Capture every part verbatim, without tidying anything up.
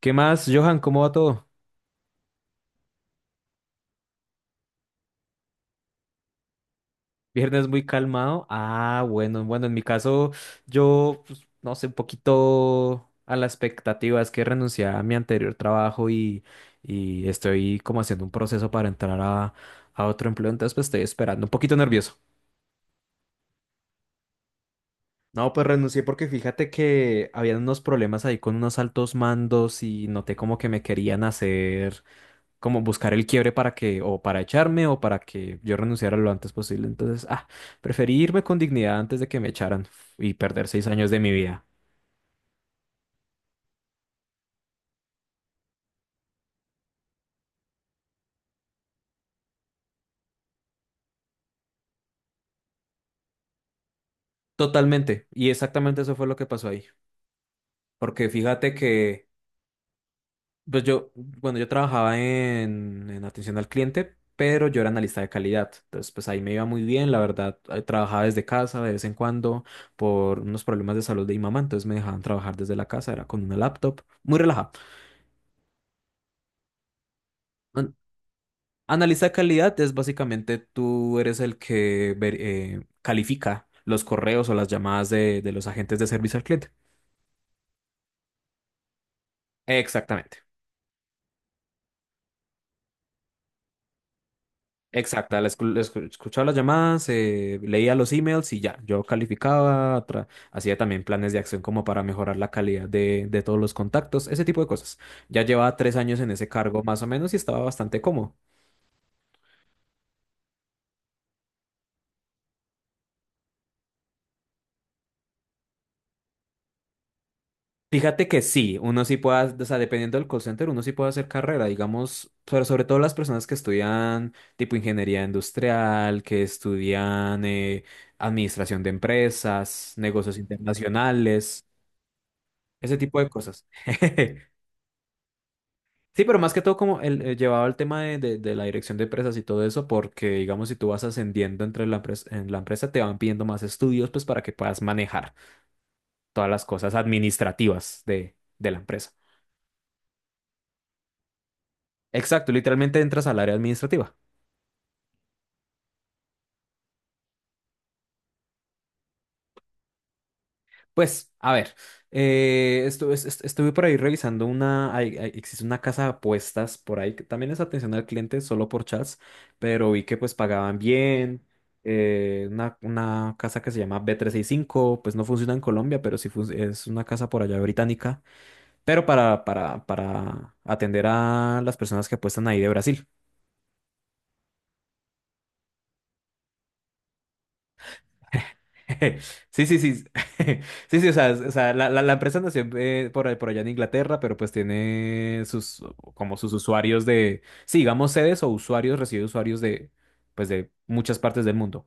¿Qué más, Johan? ¿Cómo va todo? Viernes muy calmado. Ah, bueno, bueno, en mi caso, yo, pues, no sé, un poquito a la expectativa. Es que renuncié a mi anterior trabajo y, y estoy como haciendo un proceso para entrar a, a otro empleo. Entonces, pues estoy esperando, un poquito nervioso. No, pues renuncié porque fíjate que habían unos problemas ahí con unos altos mandos y noté como que me querían hacer, como buscar el quiebre para que, o para echarme, o para que yo renunciara lo antes posible. Entonces, ah, preferí irme con dignidad antes de que me echaran y perder seis años de mi vida. Totalmente. Y exactamente eso fue lo que pasó ahí. Porque fíjate que, pues yo, bueno, yo trabajaba en, en atención al cliente, pero yo era analista de calidad. Entonces, pues ahí me iba muy bien, la verdad. eh, Trabajaba desde casa de vez en cuando por unos problemas de salud de mi mamá, entonces me dejaban trabajar desde la casa, era con una laptop, muy relajado. Analiza calidad es básicamente tú eres el que ver- eh, califica los correos o las llamadas de, de los agentes de servicio al cliente. Exactamente. Exacta. la escu- la escu- Escuchaba las llamadas, eh, leía los emails y ya. Yo calificaba, tra- hacía también planes de acción como para mejorar la calidad de, de todos los contactos, ese tipo de cosas. Ya llevaba tres años en ese cargo más o menos y estaba bastante cómodo. Fíjate que sí, uno sí puede, o sea, dependiendo del call center, uno sí puede hacer carrera, digamos, sobre, sobre todo las personas que estudian tipo ingeniería industrial, que estudian eh, administración de empresas, negocios internacionales, ese tipo de cosas. Sí, pero más que todo como el, eh, llevado al tema de, de- de la dirección de empresas y todo eso, porque digamos, si tú vas ascendiendo entre la empresa, en la empresa, te van pidiendo más estudios, pues para que puedas manejar todas las cosas administrativas de de la empresa. Exacto, literalmente entras al área administrativa. Pues, a ver, eh, estu- es- est- estuve por ahí revisando una, hay- hay- existe una casa de apuestas por ahí, que también es atención al cliente solo por chats, pero vi que pues pagaban bien, eh, una, una casa que se llama b trescientos sesenta y cinco, pues no funciona en Colombia, pero sí fun- es una casa por allá británica, pero para, para, para atender a las personas que apuestan ahí de Brasil. Sí, sí, sí. Sí, sí, o sea, es- o sea, la, la, la empresa nació eh, por, por allá en Inglaterra, pero pues tiene sus, como sus usuarios de, sí, digamos sedes o usuarios, recibe usuarios de, pues de muchas partes del mundo,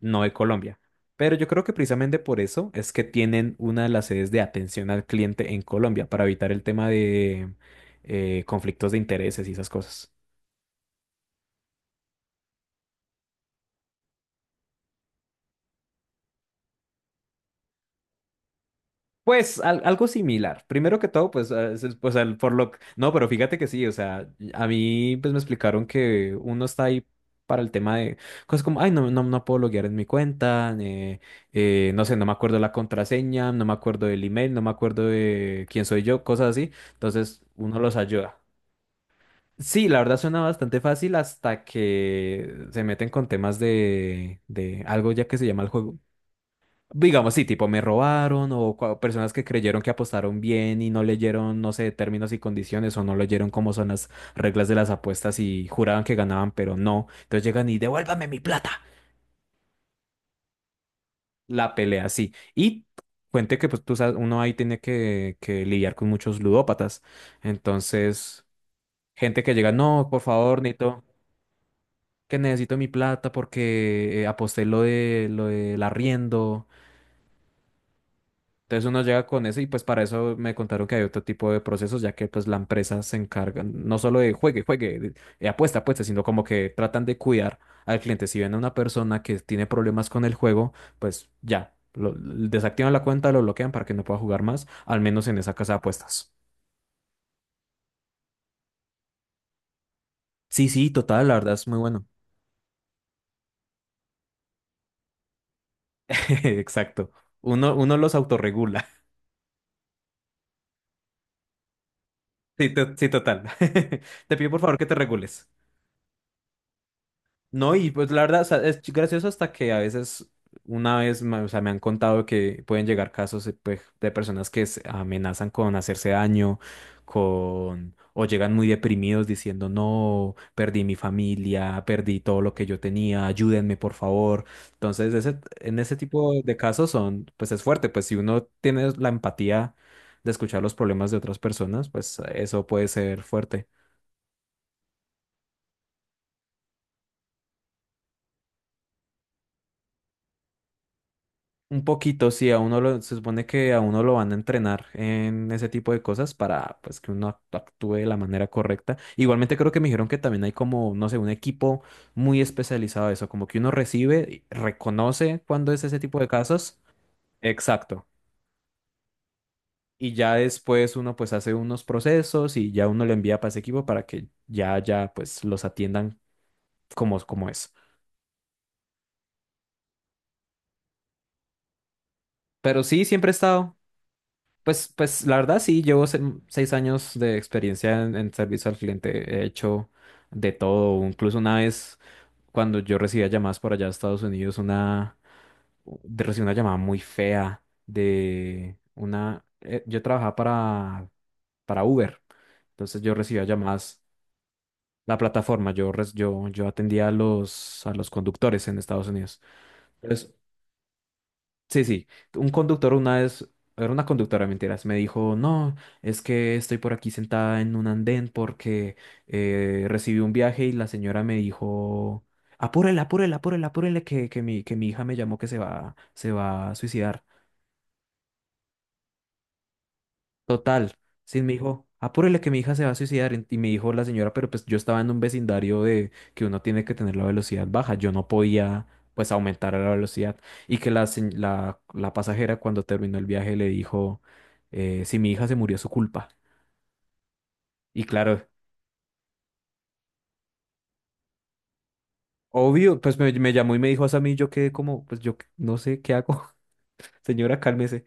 no de Colombia. Pero yo creo que precisamente por eso es que tienen una de las sedes de atención al cliente en Colombia, para evitar el tema de eh, conflictos de intereses y esas cosas. Pues al- algo similar. Primero que todo, pues, ah, es- es- pues al Forlock. No, pero fíjate que sí, o sea, a mí pues me explicaron que uno está ahí para el tema de cosas como, ay, no, no, no puedo loguear en mi cuenta, eh, eh, no sé, no me acuerdo la contraseña, no me acuerdo del email, no me acuerdo de quién soy yo, cosas así. Entonces, uno los ayuda. Sí, la verdad suena bastante fácil hasta que se meten con temas de, de algo ya que se llama el juego. Digamos, sí, tipo me robaron o cua- personas que creyeron que apostaron bien y no leyeron, no sé, términos y condiciones o no leyeron cómo son las reglas de las apuestas y juraban que ganaban, pero no. Entonces llegan y devuélvame mi plata. La pelea, sí. Y cuente que pues tú sabes, uno ahí tiene que, que lidiar con muchos ludópatas. Entonces, gente que llega, no, por favor, necesito, que necesito mi plata porque eh, aposté lo de, lo del arriendo. Entonces uno llega con eso y pues para eso me contaron que hay otro tipo de procesos, ya que pues la empresa se encarga no solo de juegue, juegue, de- eh, apuesta, apuesta, sino como que tratan de cuidar al cliente. Si ven a una persona que tiene problemas con el juego, pues ya, lo- desactivan la cuenta, lo bloquean para que no pueda jugar más, al menos en esa casa de apuestas. Sí, sí, total, la verdad es muy bueno. Exacto. Uno, uno los autorregula. Sí, to- sí, total. Te pido por favor que te regules. No, y pues la verdad, o sea, es gracioso hasta que a veces, una vez, ma- o sea, me han contado que pueden llegar casos eh, pues, de personas que se amenazan con hacerse daño, con, o llegan muy deprimidos diciendo, no, perdí mi familia, perdí todo lo que yo tenía, ayúdenme, por favor. Entonces, ese, en ese tipo de casos son, pues es fuerte, pues si uno tiene la empatía de escuchar los problemas de otras personas, pues eso puede ser fuerte. Un poquito, sí, a uno lo, se supone que a uno lo van a entrenar en ese tipo de cosas para pues que uno act- actúe de la manera correcta. Igualmente creo que me dijeron que también hay como, no sé, un equipo muy especializado de eso, como que uno recibe, y reconoce cuando es ese tipo de casos. Exacto. Y ya después uno pues hace unos procesos y ya uno lo envía para ese equipo para que ya, ya pues los atiendan como, como es. Pero sí, siempre he estado. Pues, pues la verdad sí, llevo se- seis años de experiencia en, en servicio al cliente. He hecho de todo. Incluso una vez cuando yo recibía llamadas por allá a Estados Unidos, una de- recibí una llamada muy fea de una. Eh, yo trabajaba para, para Uber. Entonces yo recibía llamadas. La plataforma, yo, res- yo, yo atendía a los, a los conductores en Estados Unidos. Entonces, sí, sí. Un conductor una vez, era una conductora, mentiras, me dijo, no, es que estoy por aquí sentada en un andén porque eh, recibí un viaje y la señora me dijo, apúrele, apúrele, apúrele, apúrele, que, que mi, que mi hija me llamó que se va, se va a suicidar. Total. Sí, me dijo, apúrele que mi hija se va a suicidar. Y y me dijo la señora, pero pues yo estaba en un vecindario de que uno tiene que tener la velocidad baja. Yo no podía, pues, aumentar la velocidad. Y que la, se- la, la pasajera, cuando terminó el viaje, le dijo, eh, si mi hija se murió, es su culpa. Y claro, obvio, pues me, me llamó y me dijo eso a mí. Yo quedé como, pues yo qué- no sé qué hago. Señora, cálmese.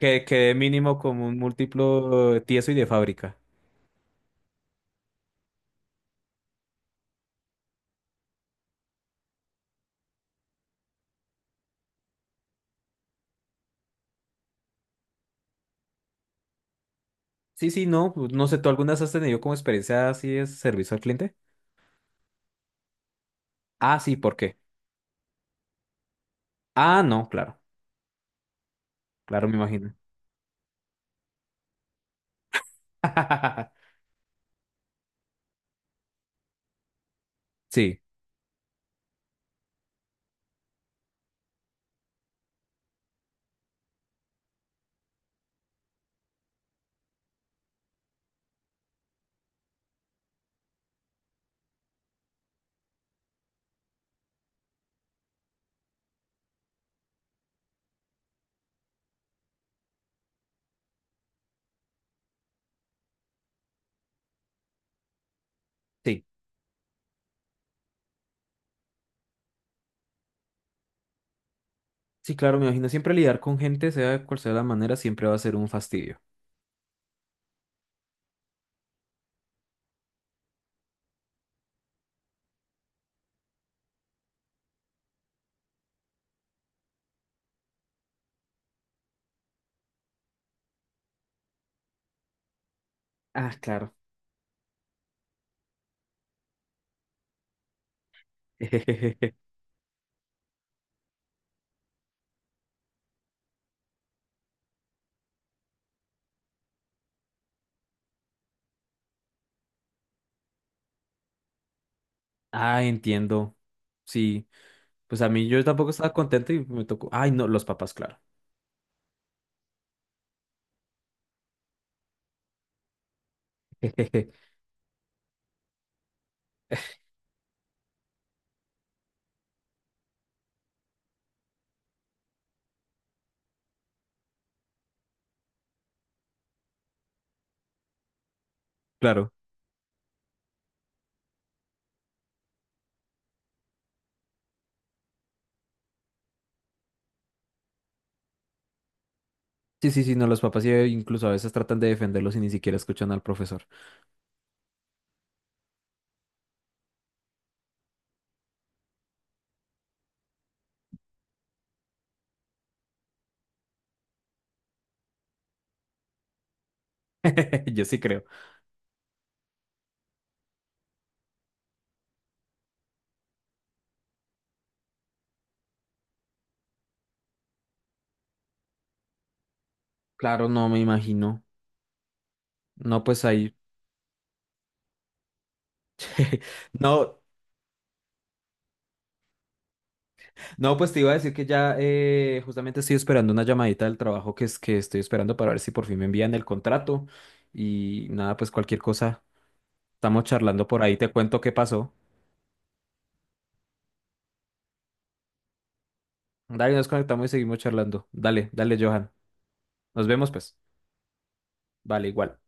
Que quedé mínimo como un múltiplo eh, tieso y de fábrica. Sí, sí, no, pues, no sé, ¿tú algunas has tenido como experiencia así de servicio al cliente? Ah, sí, ¿por qué? Ah, no, claro, claro, me imagino. Sí, sí, sí, claro, me imagino. Siempre lidiar con gente, sea cual sea la manera, siempre va a ser un fastidio. Ah, claro. Ah, entiendo. Sí, pues a mí yo tampoco estaba contento y me tocó. Ay, no, los papás, claro. Claro. Sí, sí, sí, no, los papás eh, incluso a veces tratan de defenderlos y ni siquiera escuchan al profesor. Yo sí creo. Claro, no me imagino. No, pues ahí. No, no, pues te iba a decir que ya eh, justamente estoy esperando una llamadita del trabajo que es que estoy esperando para ver si por fin me envían el contrato. Y nada, pues cualquier cosa. Estamos charlando por ahí, te cuento qué pasó. Dale, nos conectamos y seguimos charlando. Dale, dale, Johan. Nos vemos pues. Vale, igual.